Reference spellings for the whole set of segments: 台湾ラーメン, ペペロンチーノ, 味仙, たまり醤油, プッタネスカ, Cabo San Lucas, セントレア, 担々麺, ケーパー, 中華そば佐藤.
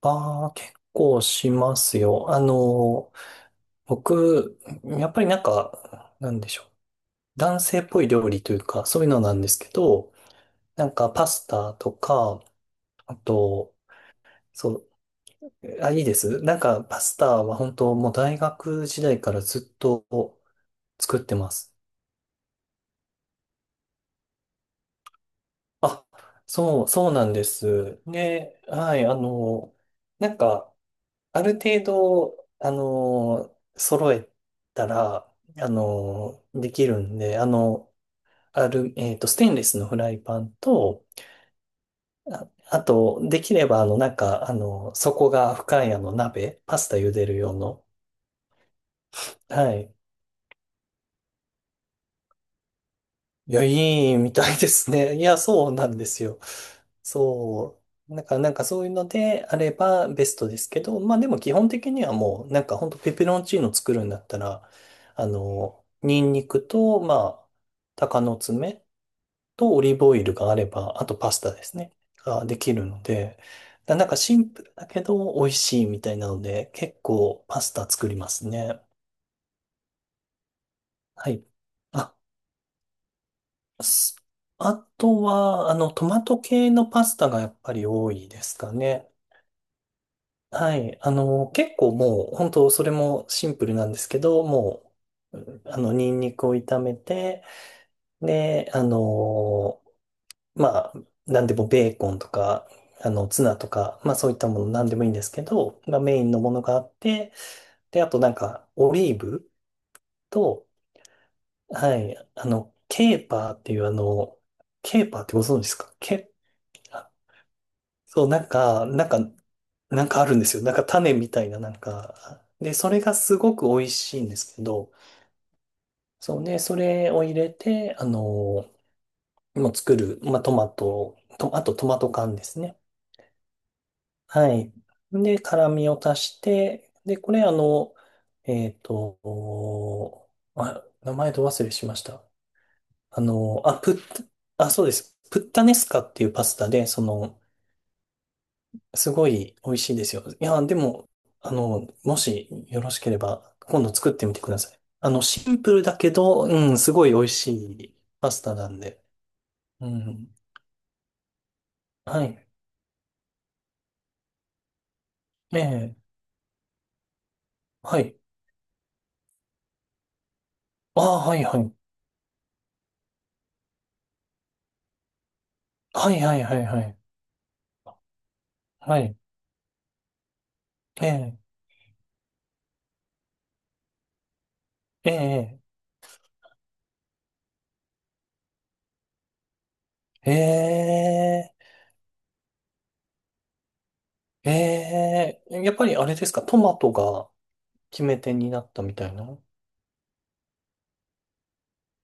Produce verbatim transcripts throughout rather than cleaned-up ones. ああ、結構しますよ。あの、僕、やっぱりなんか、なんでしょう。男性っぽい料理というか、そういうのなんですけど、なんかパスタとか、あと、そう、あ、いいです。なんかパスタは本当もう大学時代からずっと作ってます。あ、そう、そうなんです。ね、はい、あの、なんか、ある程度、あの、揃えたら、あの、できるんで、あの、ある、えっと、ステンレスのフライパンと、あ、あと、できれば、あの、なんか、あの、底が深い、あの、鍋、パスタ茹でる用の、はい。いや、いいみたいですね。いや、そうなんですよ。そう。なんか、なんかそういうのであればベストですけど、まあでも基本的にはもう、なんかほんとペペロンチーノ作るんだったら、あの、ニンニクと、まあ、鷹の爪とオリーブオイルがあれば、あとパスタですね。ができるので、だなんかシンプルだけど美味しいみたいなので、結構パスタ作りますね。はい。あすあとは、あの、トマト系のパスタがやっぱり多いですかね。はい。あの、結構もう、本当それもシンプルなんですけど、もう、うんあの、ニンニクを炒めて、で、あの、まあ、なんでもベーコンとか、あの、ツナとか、まあそういったものなんでもいいんですけど、がメインのものがあって、で、あとなんか、オリーブと、はい、あの、ケーパーっていうあの、ケーパーってご存知ですかケそう、なんか、なんか、なんかあるんですよ。なんか種みたいな、なんか。で、それがすごく美味しいんですけど、そうね、それを入れて、あの、もう作る、まあ、トマト、と、あとトマト缶ですね。はい。で、辛味を足して、で、これ、あの、えっと、あ、名前ど忘れしました。あの、あ、プッ、あ、そうです。プッタネスカっていうパスタで、その、すごい美味しいですよ。いや、でも、あの、もしよろしければ、今度作ってみてください。あの、シンプルだけど、うん、すごい美味しいパスタなんで。うん。はい。ええ。はい。ああ、はい、はい。はい、はい、はい、はい。はい。ええ。ええ。ええ。ええ。やっぱりあれですか、トマトが決め手になったみたいな。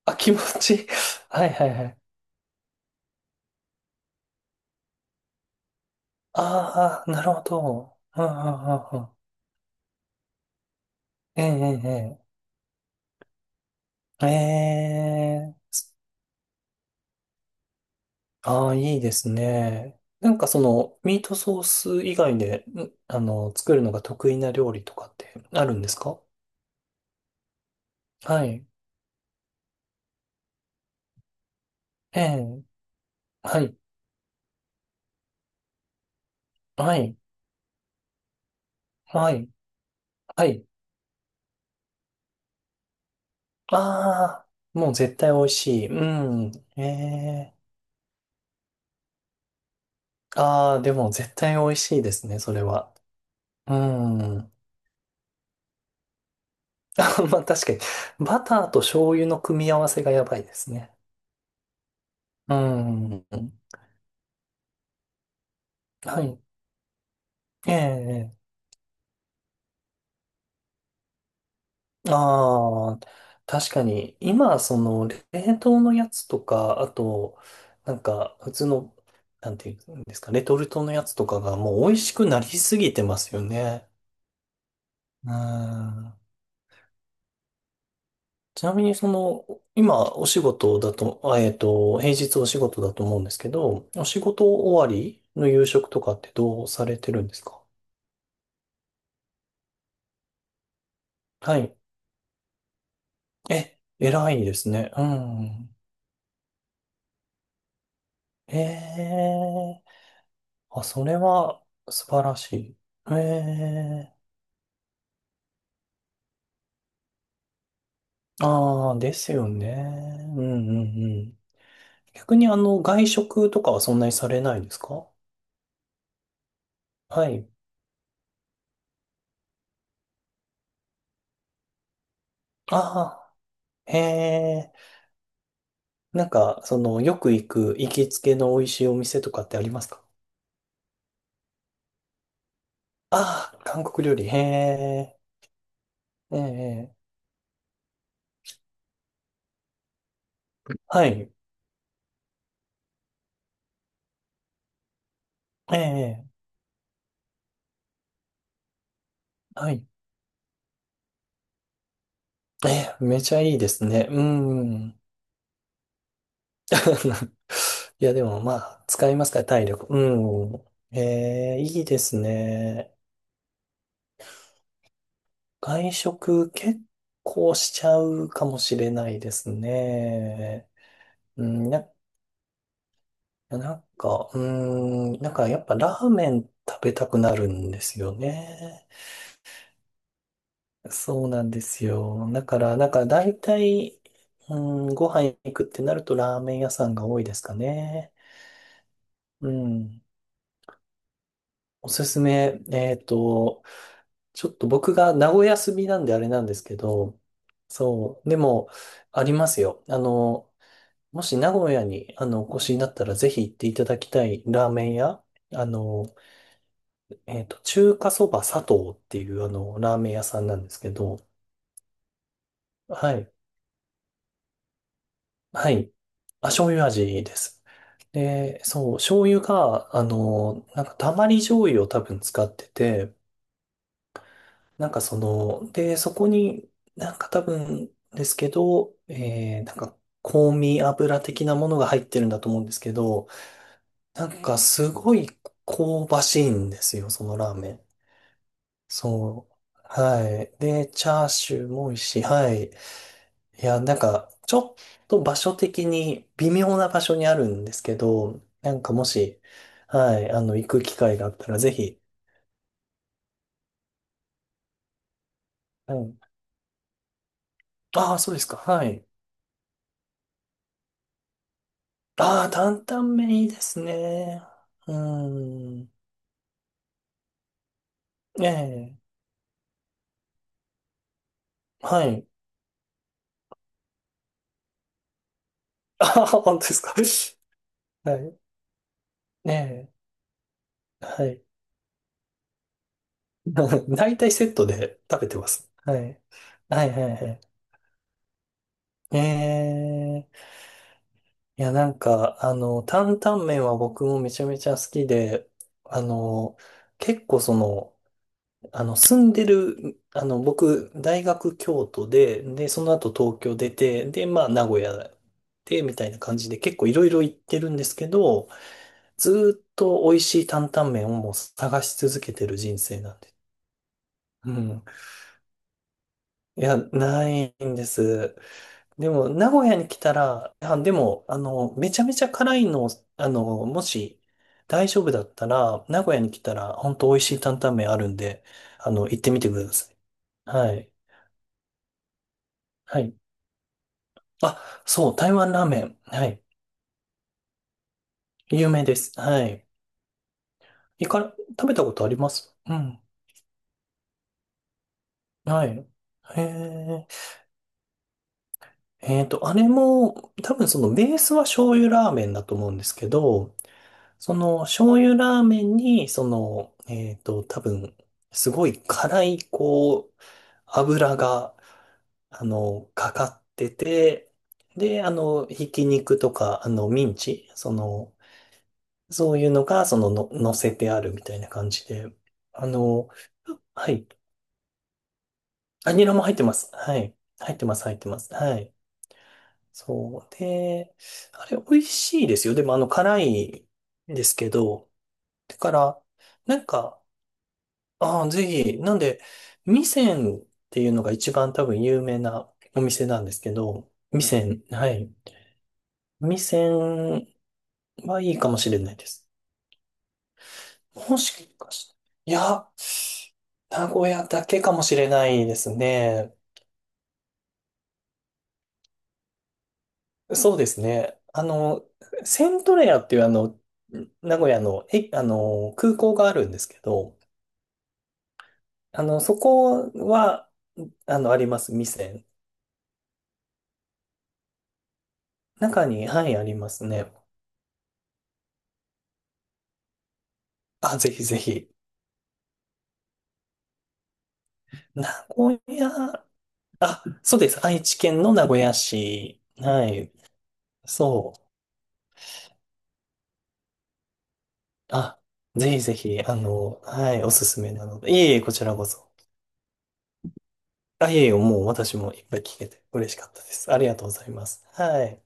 あ、気持ちいい。はい、はい、はい。ああ、なるほど。うんうんうんうんええ、ええ、えええああ、いいですね。なんかその、ミートソース以外で、んあの、作るのが得意な料理とかってあるんですか？はい。ええはい。はい。はい。はい。ああ、もう絶対美味しい。うん。ええああ、でも絶対美味しいですね、それは。うん。まあ確かに、バターと醤油の組み合わせがやばいですね。うん。はい。えええああ、確かに、今、その、冷凍のやつとか、あと、なんか、普通の、なんていうんですか、レトルトのやつとかがもう美味しくなりすぎてますよね。うん。ちなみに、その、今、お仕事だと、あえっと、平日お仕事だと思うんですけど、お仕事終わりの夕食とかってどうされてるんですか？はい。え、偉いですね。うん。ええあ、それは素晴らしい。ええああ、ですよね。うんうんうん。逆にあの、外食とかはそんなにされないですか？はい。ああ、へえ。なんか、その、よく行く行きつけの美味しいお店とかってありますか？ああ、韓国料理。へえ。ええ。はい。ええ。はい。ええ、めちゃいいですね。うん。いや、でもまあ、使いますから、体力。うん。えー、いいですね。外食結構しちゃうかもしれないですね。うん、な、なんか、うん、なんかやっぱラーメン食べたくなるんですよね。そうなんですよ。だから、なんか大体、うん、ご飯行くってなるとラーメン屋さんが多いですかね。うん。おすすめ、えっと、ちょっと僕が名古屋住みなんであれなんですけど、そう、でも、ありますよ。あの、もし名古屋に、あの、お越しになったら、ぜひ行っていただきたいラーメン屋、あの、えっと、中華そば佐藤っていう、あの、ラーメン屋さんなんですけど、はい、はい、あ、醤油味です。で、そう、醤油が、あの、なんか、たまり醤油を多分使ってて、なんかその、で、そこになんか多分ですけど、えー、なんか香味油的なものが入ってるんだと思うんですけど、なんかすごい香ばしいんですよ、そのラーメン。そう。はい。で、チャーシューも美味しい。はい。いや、なんかちょっと場所的に微妙な場所にあるんですけど、なんかもし、はい、あの、行く機会があったらぜひ、はいああ、そうですか。はい。ああ、担々麺いいですね。うーん。ええ。はい。ああ、本当ですか。はい。ええ。はい。大体セットで食べてます。はい。はいはいはい。ええ。いや、なんか、あの、担々麺は僕もめちゃめちゃ好きで、あの、結構その、あの、住んでる、あの、僕、大学京都で、で、その後東京出て、で、まあ、名古屋で、みたいな感じで、結構いろいろ行ってるんですけど、ずーっと美味しい担々麺をもう探し続けてる人生なんで。うん。いや、ないんです。でも、名古屋に来たら、あ、でも、あの、めちゃめちゃ辛いのを、あの、もし、大丈夫だったら、名古屋に来たら、本当美味しい担々麺あるんで、あの、行ってみてください。はい。はい。あ、そう、台湾ラーメン。はい。有名です。はい。いか、食べたことありますうん。はい。へえ。えっと、あれも、多分そのベースは醤油ラーメンだと思うんですけど、その醤油ラーメンに、その、えっと、多分、すごい辛い、こう、油が、あの、かかってて、で、あの、ひき肉とか、あの、ミンチ、その、そういうのが、その、の、乗せてあるみたいな感じで。あの、はい。あ、ニラも入ってます。はい。入ってます、入ってます。はい。そう。で、あれ、美味しいですよ。でも、あの、辛いんですけど、だから、なんか、ああ、ぜひ、なんで、味仙っていうのが一番多分有名なお店なんですけど、味仙、はい。味仙はいいかもしれないです。もしかして。いや、名古屋だけかもしれないですね。そうですね。あの、セントレアっていうあの、名古屋の、え、あの、空港があるんですけど、あの、そこは、あの、あります、店。中に、はい、ありますね。あ、ぜひぜひ。名古屋、あ、そうです。愛知県の名古屋市。はい。そう。あ、ぜひぜひ、あの、はい、おすすめなので。いえいえ、こちらこそ。あ、いえいえ、もう私もいっぱい聞けて嬉しかったです。ありがとうございます。はい。